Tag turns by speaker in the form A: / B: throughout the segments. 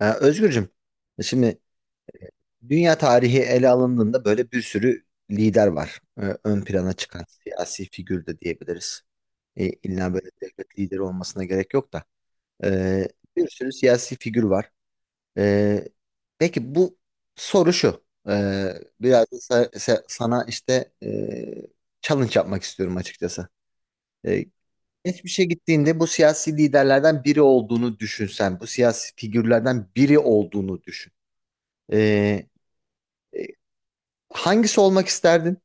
A: Özgürcüm, şimdi dünya tarihi ele alındığında böyle bir sürü lider var. Ön plana çıkan siyasi figür de diyebiliriz. İlla böyle devlet lideri olmasına gerek yok da. Ee, Bir sürü siyasi figür var. Ee, peki bu soru şu. Biraz da sana işte challenge yapmak istiyorum açıkçası. Ee, Geçmişe gittiğinde bu siyasi liderlerden biri olduğunu düşünsen, bu siyasi figürlerden biri olduğunu düşün. Ee, e, Hangisi olmak isterdin?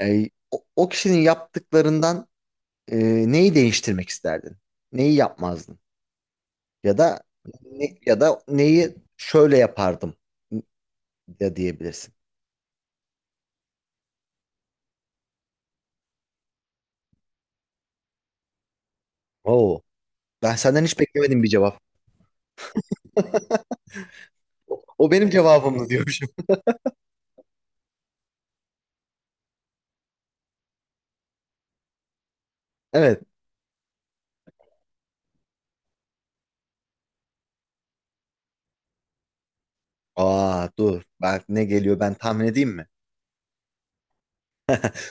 A: E, o kişinin yaptıklarından e, neyi değiştirmek isterdin? Neyi yapmazdın? Ya da ya da neyi şöyle yapardım da diyebilirsin. Oo, ben senden hiç beklemedim bir cevap. O benim cevabımdı diyormuşum. Evet. Aa, dur. Ben ne geliyor, ben tahmin edeyim mi?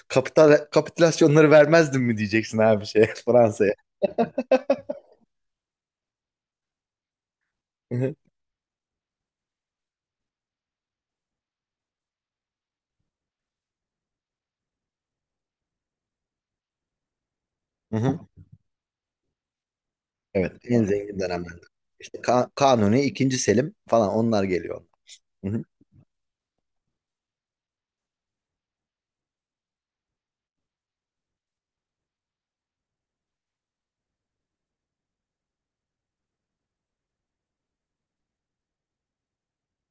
A: Kapitülasyonları vermezdim mi diyeceksin abi, şey Fransa'ya. Hı hı. Hı hı. Evet, en zengin dönemlerde. İşte Kanuni, ikinci Selim falan, onlar geliyor. Hı hı.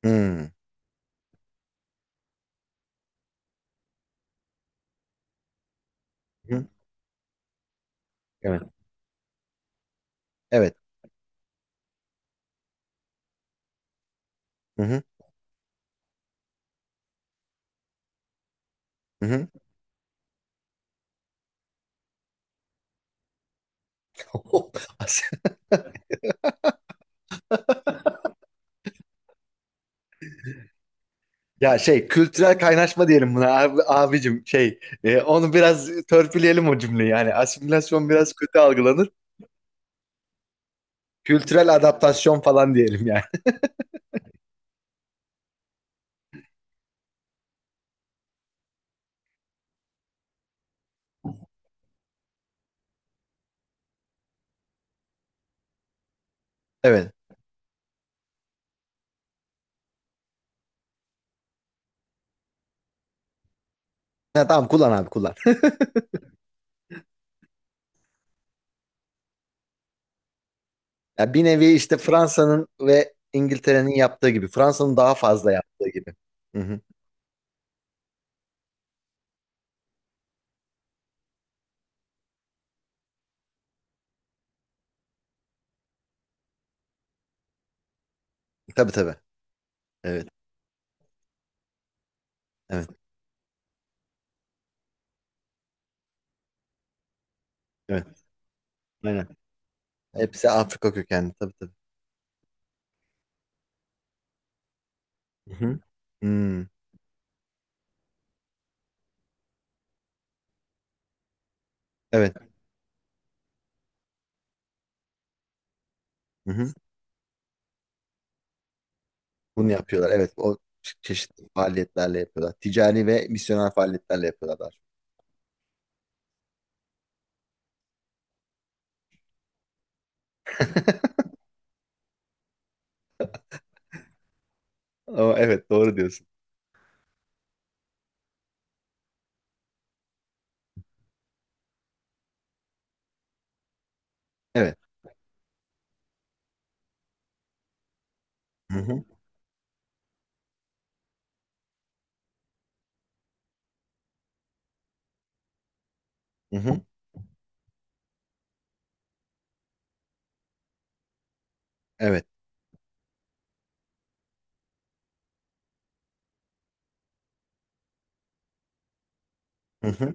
A: Hmm. Hı hı. Evet. Evet. Hı hı. Hı hı. Ya şey, kültürel kaynaşma diyelim buna abi, abicim, şey onu biraz törpüleyelim o cümleyi, yani asimilasyon biraz kötü algılanır, kültürel adaptasyon falan diyelim yani. Evet. Ya, tamam, kullan abi, kullan. Ya, bir nevi işte Fransa'nın ve İngiltere'nin yaptığı gibi, Fransa'nın daha fazla yaptığı gibi. Hı hı. Tabii, tabii. Evet. Evet. Evet. Aynen. Hepsi Afrika kökenli, tabii tabii. Hı hı. Hmm. Evet. Hı hı. Bunu yapıyorlar. Evet, o çeşitli faaliyetlerle yapıyorlar. Ticari ve misyoner faaliyetlerle yapıyorlar. Ama evet, doğru diyorsun. Evet. Hı hı. Hı hı. Evet. Hı hı.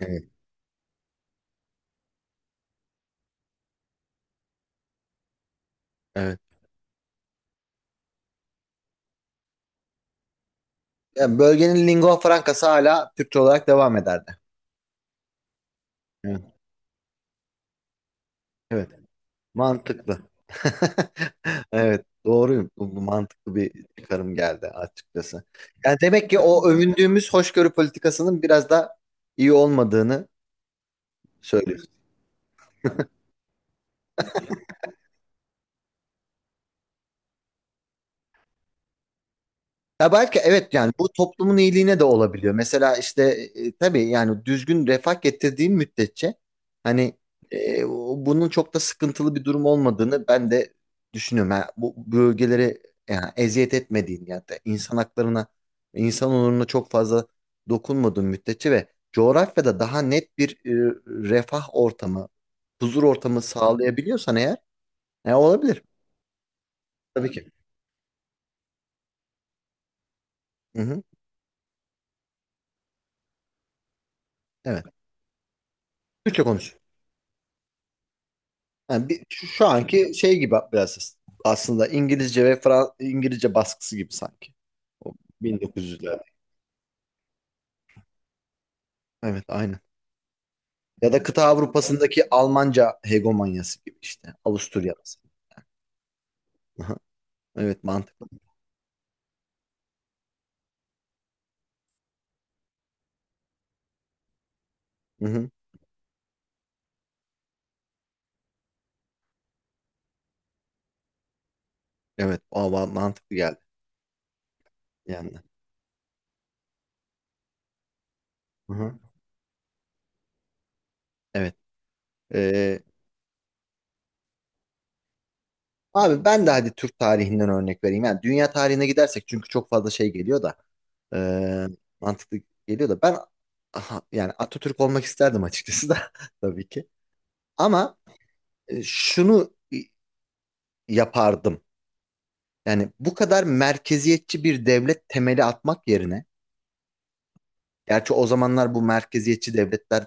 A: Evet. Evet. Yani bölgenin lingua francası hala Türkçe olarak devam ederdi. Evet. Evet. Mantıklı. Evet. Doğruyum. Bu mantıklı bir çıkarım geldi açıkçası. Yani demek ki o övündüğümüz hoşgörü politikasının biraz da iyi olmadığını söylüyor. Ya belki, evet, yani bu toplumun iyiliğine de olabiliyor. Mesela işte tabii, yani düzgün refah getirdiğin müddetçe, hani bunun çok da sıkıntılı bir durum olmadığını ben de düşünüyorum. Yani bu bölgeleri, yani eziyet etmediğin, yani de insan haklarına, insan onuruna çok fazla dokunmadığın müddetçe ve coğrafyada daha net bir refah ortamı, huzur ortamı sağlayabiliyorsan eğer olabilir. Tabii ki. Hı hı. Evet. Türkçe konuş. Yani bir, şu anki şey gibi biraz, aslında İngilizce ve İngilizce baskısı gibi sanki. O 1900'lerde. Evet, aynen. Ya da kıta Avrupa'sındaki Almanca hegemonyası gibi işte. Avusturya mesela. Aha, evet, mantıklı. Hı-hı. Evet, o mantıklı geldi yani. Hı-hı. Evet. Ee, Abi, ben de hadi Türk tarihinden örnek vereyim. Yani dünya tarihine gidersek, çünkü çok fazla şey geliyor da ee, mantıklı geliyor da, ben, aha, yani Atatürk olmak isterdim açıkçası da, tabii ki. Ama şunu yapardım. Yani bu kadar merkeziyetçi bir devlet temeli atmak yerine, gerçi o zamanlar bu merkeziyetçi devletler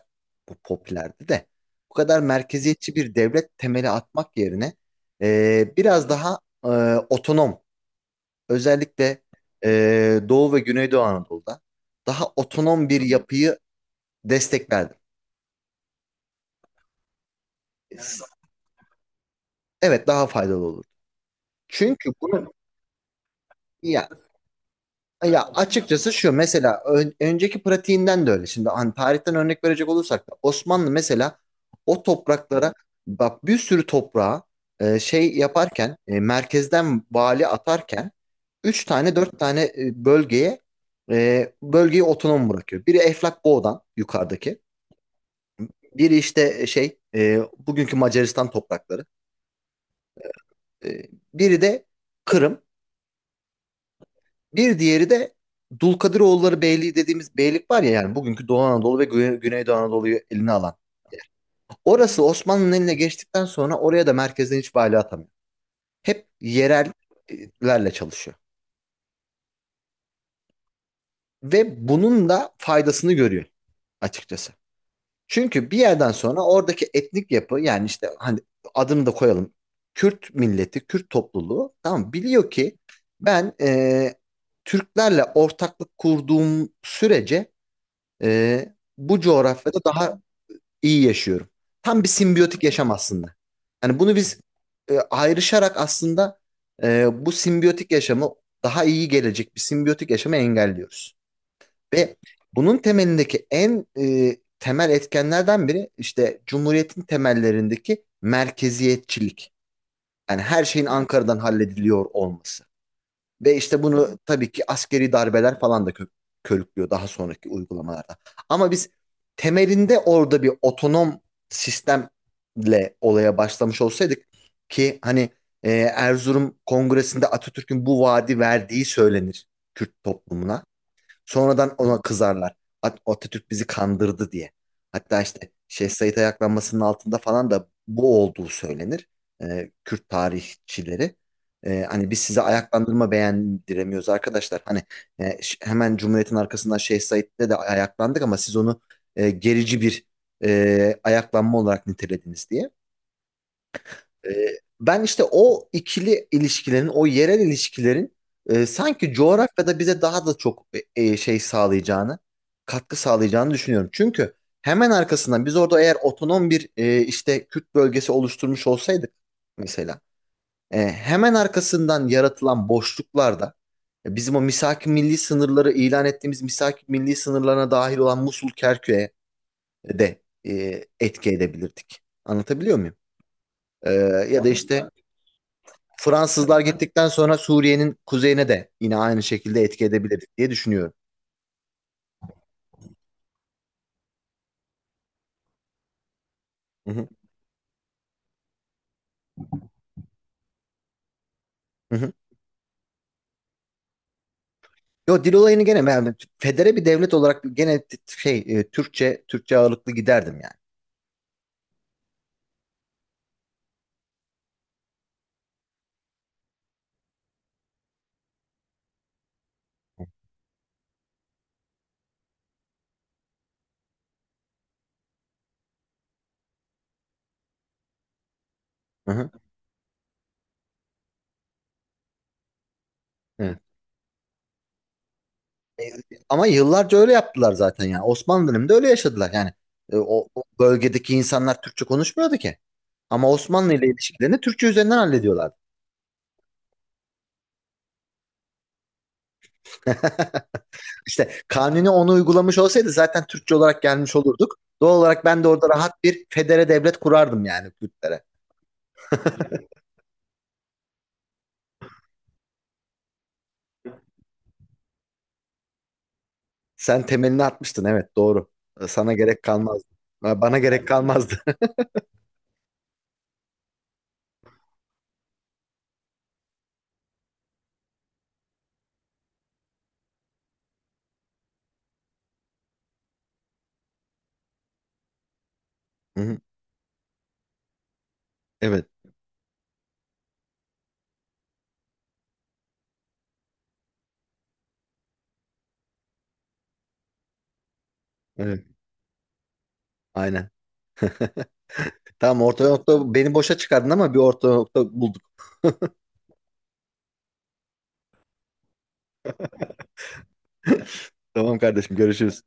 A: bu popülerdi de, bu kadar merkeziyetçi bir devlet temeli atmak yerine biraz daha e, otonom, özellikle Doğu ve Güneydoğu Anadolu'da daha otonom bir yapıyı desteklerdim. Evet, daha faydalı olur. Çünkü bunu, ya, ya açıkçası şu: mesela önceki pratiğinden de öyle. Şimdi hani tarihten örnek verecek olursak da, Osmanlı mesela o topraklara, bak, bir sürü toprağa şey yaparken, merkezden vali atarken, üç tane 4 tane bölgeye, bölgeyi otonom bırakıyor. Biri Eflak Boğdan, yukarıdaki. Biri işte şey, bugünkü Macaristan toprakları. E, Biri de Kırım. Bir diğeri de Dulkadiroğulları Beyliği dediğimiz beylik var ya, yani bugünkü Doğu Anadolu ve Güneydoğu Anadolu'yu eline alan. Orası Osmanlı'nın eline geçtikten sonra oraya da merkezden hiç vali atamıyor. Hep yerellerle çalışıyor. Ve bunun da faydasını görüyor açıkçası. Çünkü bir yerden sonra oradaki etnik yapı, yani işte, hani, adını da koyalım: Kürt milleti, Kürt topluluğu, tamam mı, biliyor ki, ben Türklerle ortaklık kurduğum sürece e, bu coğrafyada daha iyi yaşıyorum. Tam bir simbiyotik yaşam aslında. Yani bunu biz ayrışarak, aslında bu simbiyotik yaşamı, daha iyi gelecek bir simbiyotik yaşamı engelliyoruz. Ve bunun temelindeki en temel etkenlerden biri işte Cumhuriyet'in temellerindeki merkeziyetçilik. Yani her şeyin Ankara'dan hallediliyor olması. Ve işte bunu tabii ki askeri darbeler falan da körüklüyor daha sonraki uygulamalarda. Ama biz temelinde orada bir otonom sistemle olaya başlamış olsaydık, ki hani Erzurum Kongresi'nde Atatürk'ün bu vaadi verdiği söylenir Kürt toplumuna. Sonradan ona kızarlar. Atatürk bizi kandırdı diye. Hatta işte Şeyh Said ayaklanmasının altında falan da bu olduğu söylenir. Kürt tarihçileri. Hani biz size ayaklandırma beğendiremiyoruz arkadaşlar. Hani hemen Cumhuriyet'in arkasından Şeyh Said'le de ayaklandık ama siz onu gerici bir ayaklanma olarak nitelediniz diye. Ee, Ben işte o ikili ilişkilerin, o yerel ilişkilerin sanki coğrafyada bize daha da çok e, e, şey sağlayacağını, katkı sağlayacağını düşünüyorum. Çünkü hemen arkasından biz orada eğer otonom bir işte Kürt bölgesi oluşturmuş olsaydık mesela, hemen arkasından yaratılan boşluklarda bizim o misaki milli sınırları ilan ettiğimiz misaki milli sınırlarına dahil olan Musul Kerkük'e de etki edebilirdik. Anlatabiliyor muyum? Ee, Ya da işte Fransızlar gittikten sonra Suriye'nin kuzeyine de yine aynı şekilde etki edebilir diye düşünüyorum. Hı hı, hı hı. Yo, dil olayını gene yani, federe bir devlet olarak, gene şey, Türkçe ağırlıklı giderdim yani. Hı hı, evet. Ama yıllarca öyle yaptılar zaten yani. Osmanlı döneminde öyle yaşadılar yani. O bölgedeki insanlar Türkçe konuşmuyordu ki. Ama Osmanlı ile ilişkilerini Türkçe üzerinden hallediyorlardı. İşte Kanuni onu uygulamış olsaydı zaten Türkçe olarak gelmiş olurduk. Doğal olarak ben de orada rahat bir federe devlet kurardım yani Kürtlere. Sen temelini atmıştın, evet, doğru. Sana gerek kalmazdı. Bana gerek kalmazdı. Hı hı, evet. Evet. Aynen. Tamam, orta nokta, beni boşa çıkardın ama bir orta nokta bulduk. Tamam kardeşim, görüşürüz.